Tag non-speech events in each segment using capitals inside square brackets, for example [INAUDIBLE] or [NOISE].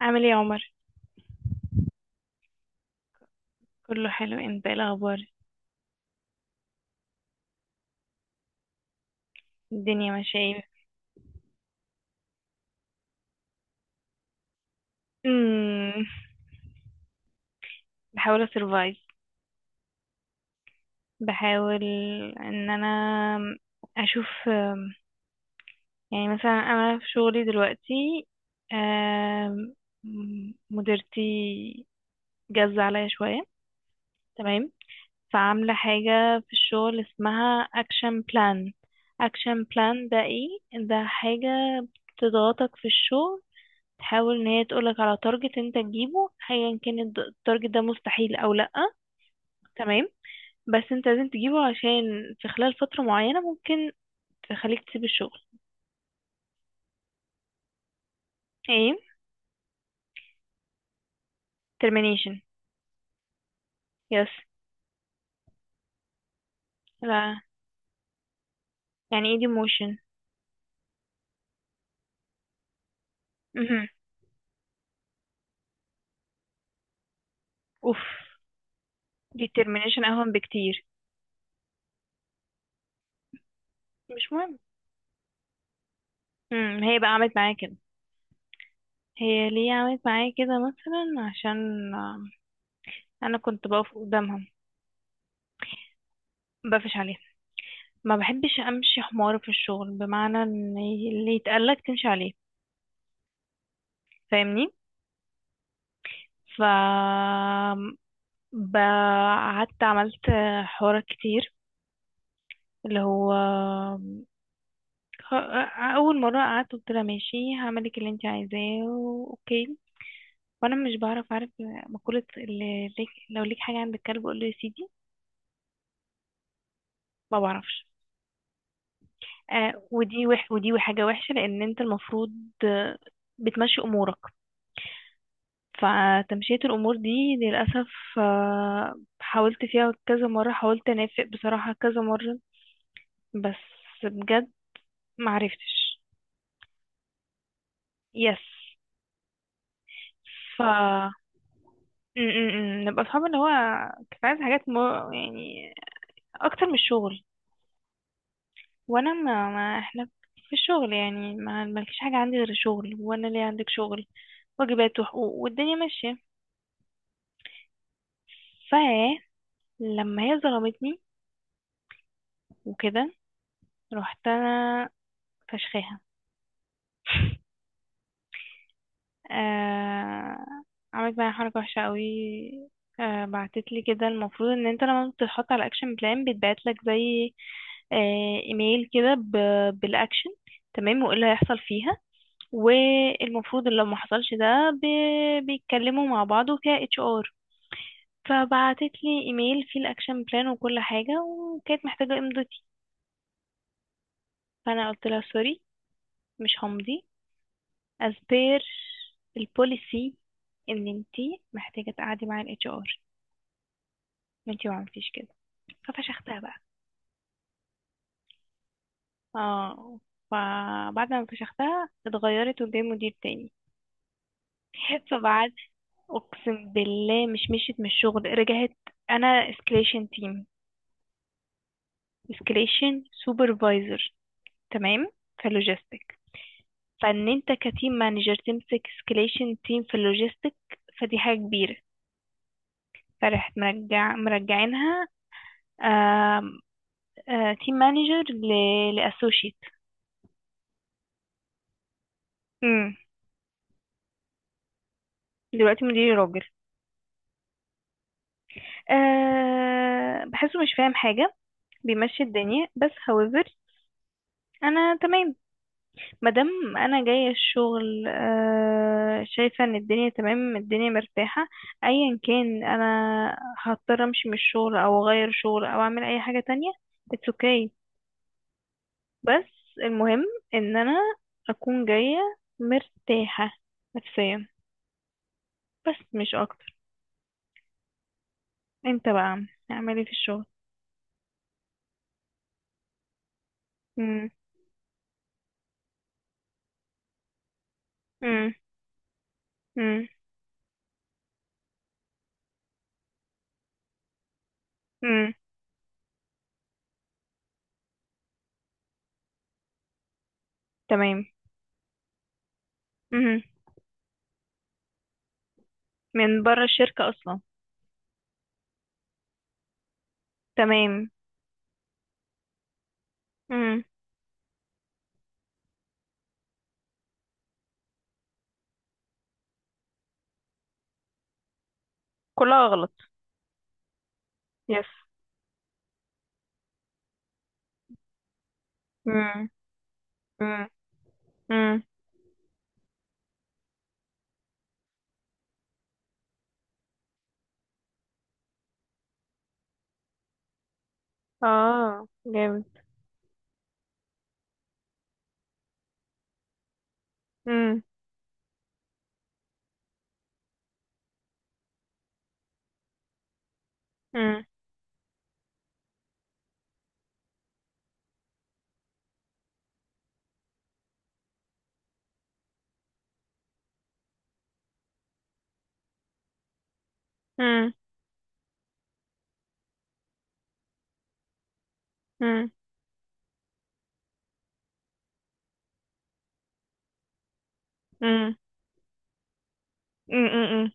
عامل ايه يا عمر؟ كله حلو، انت ايه الاخبار؟ الدنيا ماشيه ايه؟ امم بحاول اسرفايف. بحاول ان انا اشوف. يعني مثلا انا في شغلي دلوقتي آم، مديرتي جاز عليا شويه. تمام. فعامله حاجه في الشغل اسمها اكشن بلان. اكشن بلان ده ايه؟ ده حاجه تضغطك في الشغل، تحاول ان هي تقولك على تارجت انت تجيبه، ايا كان التارجت ده مستحيل او لا. تمام. بس انت لازم تجيبه، عشان في خلال فترة معينة ممكن تخليك تسيب الشغل. ايه. Termination. يس. لا، يعني ايه demotion؟ مهم. اوف، دي termination اهم بكتير. مش مهم. مم. هي بقى عملت معايا كده. هي ليه عملت معايا كده؟ مثلا عشان انا كنت بقف قدامها. بقفش عليها. ما بحبش امشي حمار في الشغل، بمعنى ان اللي يتقالك تمشي عليه. فاهمني؟ ف ب- قعدت عملت حوارات كتير اللي هو خ- اول مره. قعدت قلت لها ماشي، هعملك اللي انت عايزاه. اوكي. وانا مش عارف مقوله: اللي ليك لو ليك حاجه عند الكلب قول له يا سيدي. ما بعرفش. ودي حاجه وحشه، لان انت المفروض آه، بتمشي امورك. فتمشية الأمور دي، للأسف، حاولت فيها كذا مرة، حاولت أنافق بصراحة كذا مرة. بس بجد معرفتش. يس. ف م- م- م. نبقى اصحاب اللي هو كنت عايزه حاجات يعني اكتر من الشغل. وانا ما احنا في الشغل، يعني ما مالكش حاجه عندي غير الشغل، وانا ليه عندك شغل. واجبات وحقوق والدنيا ماشيه. ف لما هي ظلمتني وكده رحت انا فشخاها. [LAUGHS] آه... عملت معايا حركه وحشه قوي. بعتت لي كده. المفروض ان انت لما بتتحط على اكشن بلان بيتبعت لك زي ايميل كده بالاكشن. تمام، وايه اللي هيحصل فيها. والمفروض اللي لو ما حصلش ده بيتكلموا مع بعض وفيها اتش ار. فبعتت لي ايميل فيه الاكشن بلان وكل حاجه، وكانت محتاجه امضتي. فانا قلت لها: سوري، مش همضي as per البوليسي، ان انتي محتاجه تقعدي مع الاتش ار. انتي ما عملتيش كده. ففشختها بقى. اه. فبعد ما فشختها اتغيرت وجاي مدير تاني. [LAUGHS] فبعت اقسم بالله، مش مشيت من الشغل. رجعت. انا اسكليشن تيم، اسكليشن سوبرفايزر، تمام، في اللوجيستيك. فان انت كتيم مانجر تمسك اسكليشن تيم في اللوجيستيك، فدي حاجه كبيره. فرحت مرجعينها تيم مانجر لاسوشيت. امم. دلوقتي مديري راجل. آه، بحسه مش فاهم حاجه، بيمشي الدنيا. بس however انا تمام. مادام انا جايه الشغل شايفه ان الدنيا تمام، الدنيا مرتاحه. ايا كان، انا هضطر امشي من الشغل او اغير شغل او اعمل اي حاجه تانية. اتس اوكي. بس المهم ان انا اكون جايه مرتاحه نفسيا، بس مش اكتر. انت بقى اعمل ايه في الشغل؟ مم. مم. مم. مم. تمام. مم. من بره الشركه اصلا؟ تمام. مم. كلها غلط. يس. مم. مم. مم. اه، جامد. امم. امم. امم. امم. امم. امم.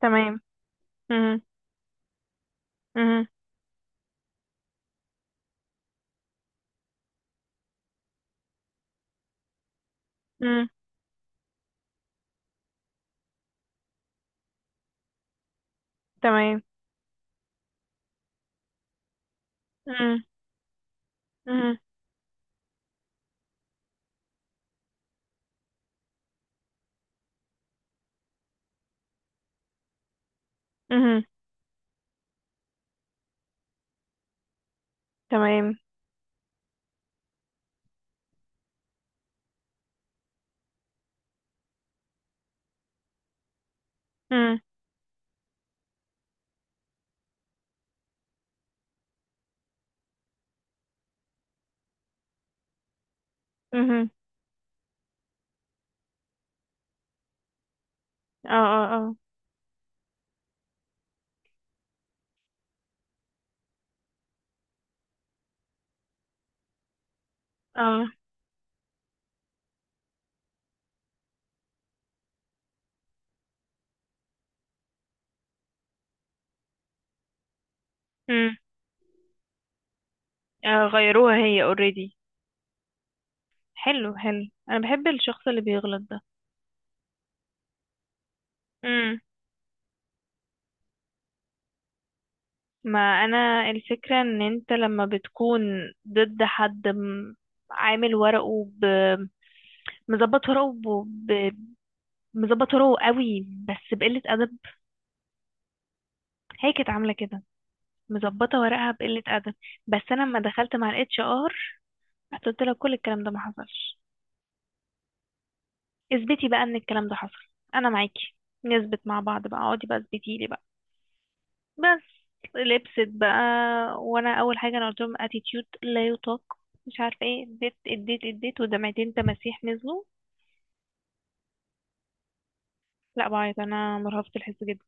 تمام. امم. امم. امم. تمام. امم. امم. امم. تمام. امم. امم. اه. اه. اه. اه. امم. آه، غيروها هي اوريدي. حلو، حلو. انا بحب الشخص اللي بيغلط ده. امم. ما انا الفكرة ان انت لما بتكون ضد حد، عامل ورقه، مظبط ورقه مظبطه ورقه قوي، بس بقله ادب. هي كانت عامله كده. مظبطه ورقها بقله ادب. بس انا لما دخلت مع الاتش ار، قلت لها كل الكلام ده ما حصلش. اثبتي بقى ان الكلام ده حصل. انا معاكي نثبت مع بعض بقى، اقعدي بقى، اثبتي لي بقى. بس لبست بقى. وانا اول حاجه، انا قلت لهم اتيتيود لا يطاق، مش عارفه ايه، اديت اديت اديت، ودمعتين تماسيح نزلوا. لا، بعيط. انا مرهفه الحس جدا.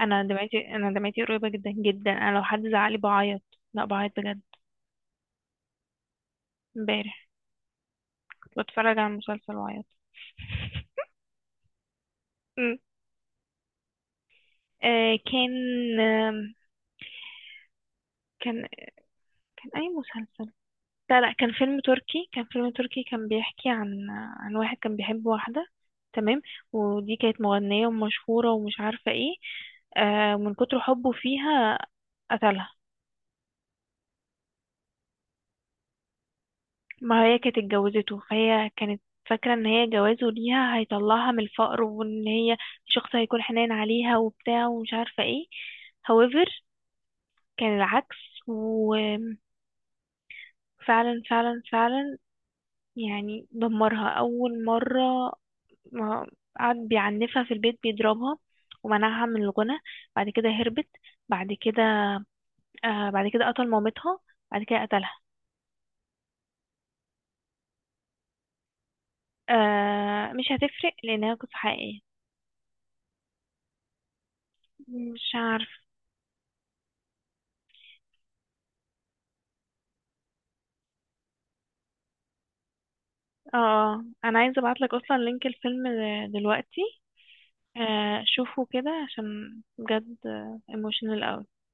انا دمعتي قريبه جدا جدا. انا لو حد زعلي بعيط. لا، بعيط بجد. امبارح كنت بتفرج على المسلسل واعيط. أمم. كان آم، كان كان أي مسلسل؟ لا، لا، كان فيلم تركي كان بيحكي عن واحد كان بيحب واحدة. تمام. ودي كانت مغنية ومشهورة ومش عارفة ايه. من كتر حبه فيها قتلها. ما هي كانت اتجوزته، فهي كانت فاكرة ان هي جوازه ليها هيطلعها من الفقر، وان هي شخص هيكون حنين عليها وبتاع ومش عارفة ايه. However كان العكس فعلا، فعلا، فعلا. يعني دمرها أول مرة ما قعد بيعنفها في البيت بيضربها ومنعها من الغنى. بعد كده هربت. بعد كده آه بعد كده قتل مامتها. بعد كده قتلها. آه، مش هتفرق لأنها قصة حقيقية. مش عارف. اه. آه. أنا عايزة أبعتلك أصلا لينك الفيلم دلوقتي. شوفه كده، عشان بجد emotional أوي.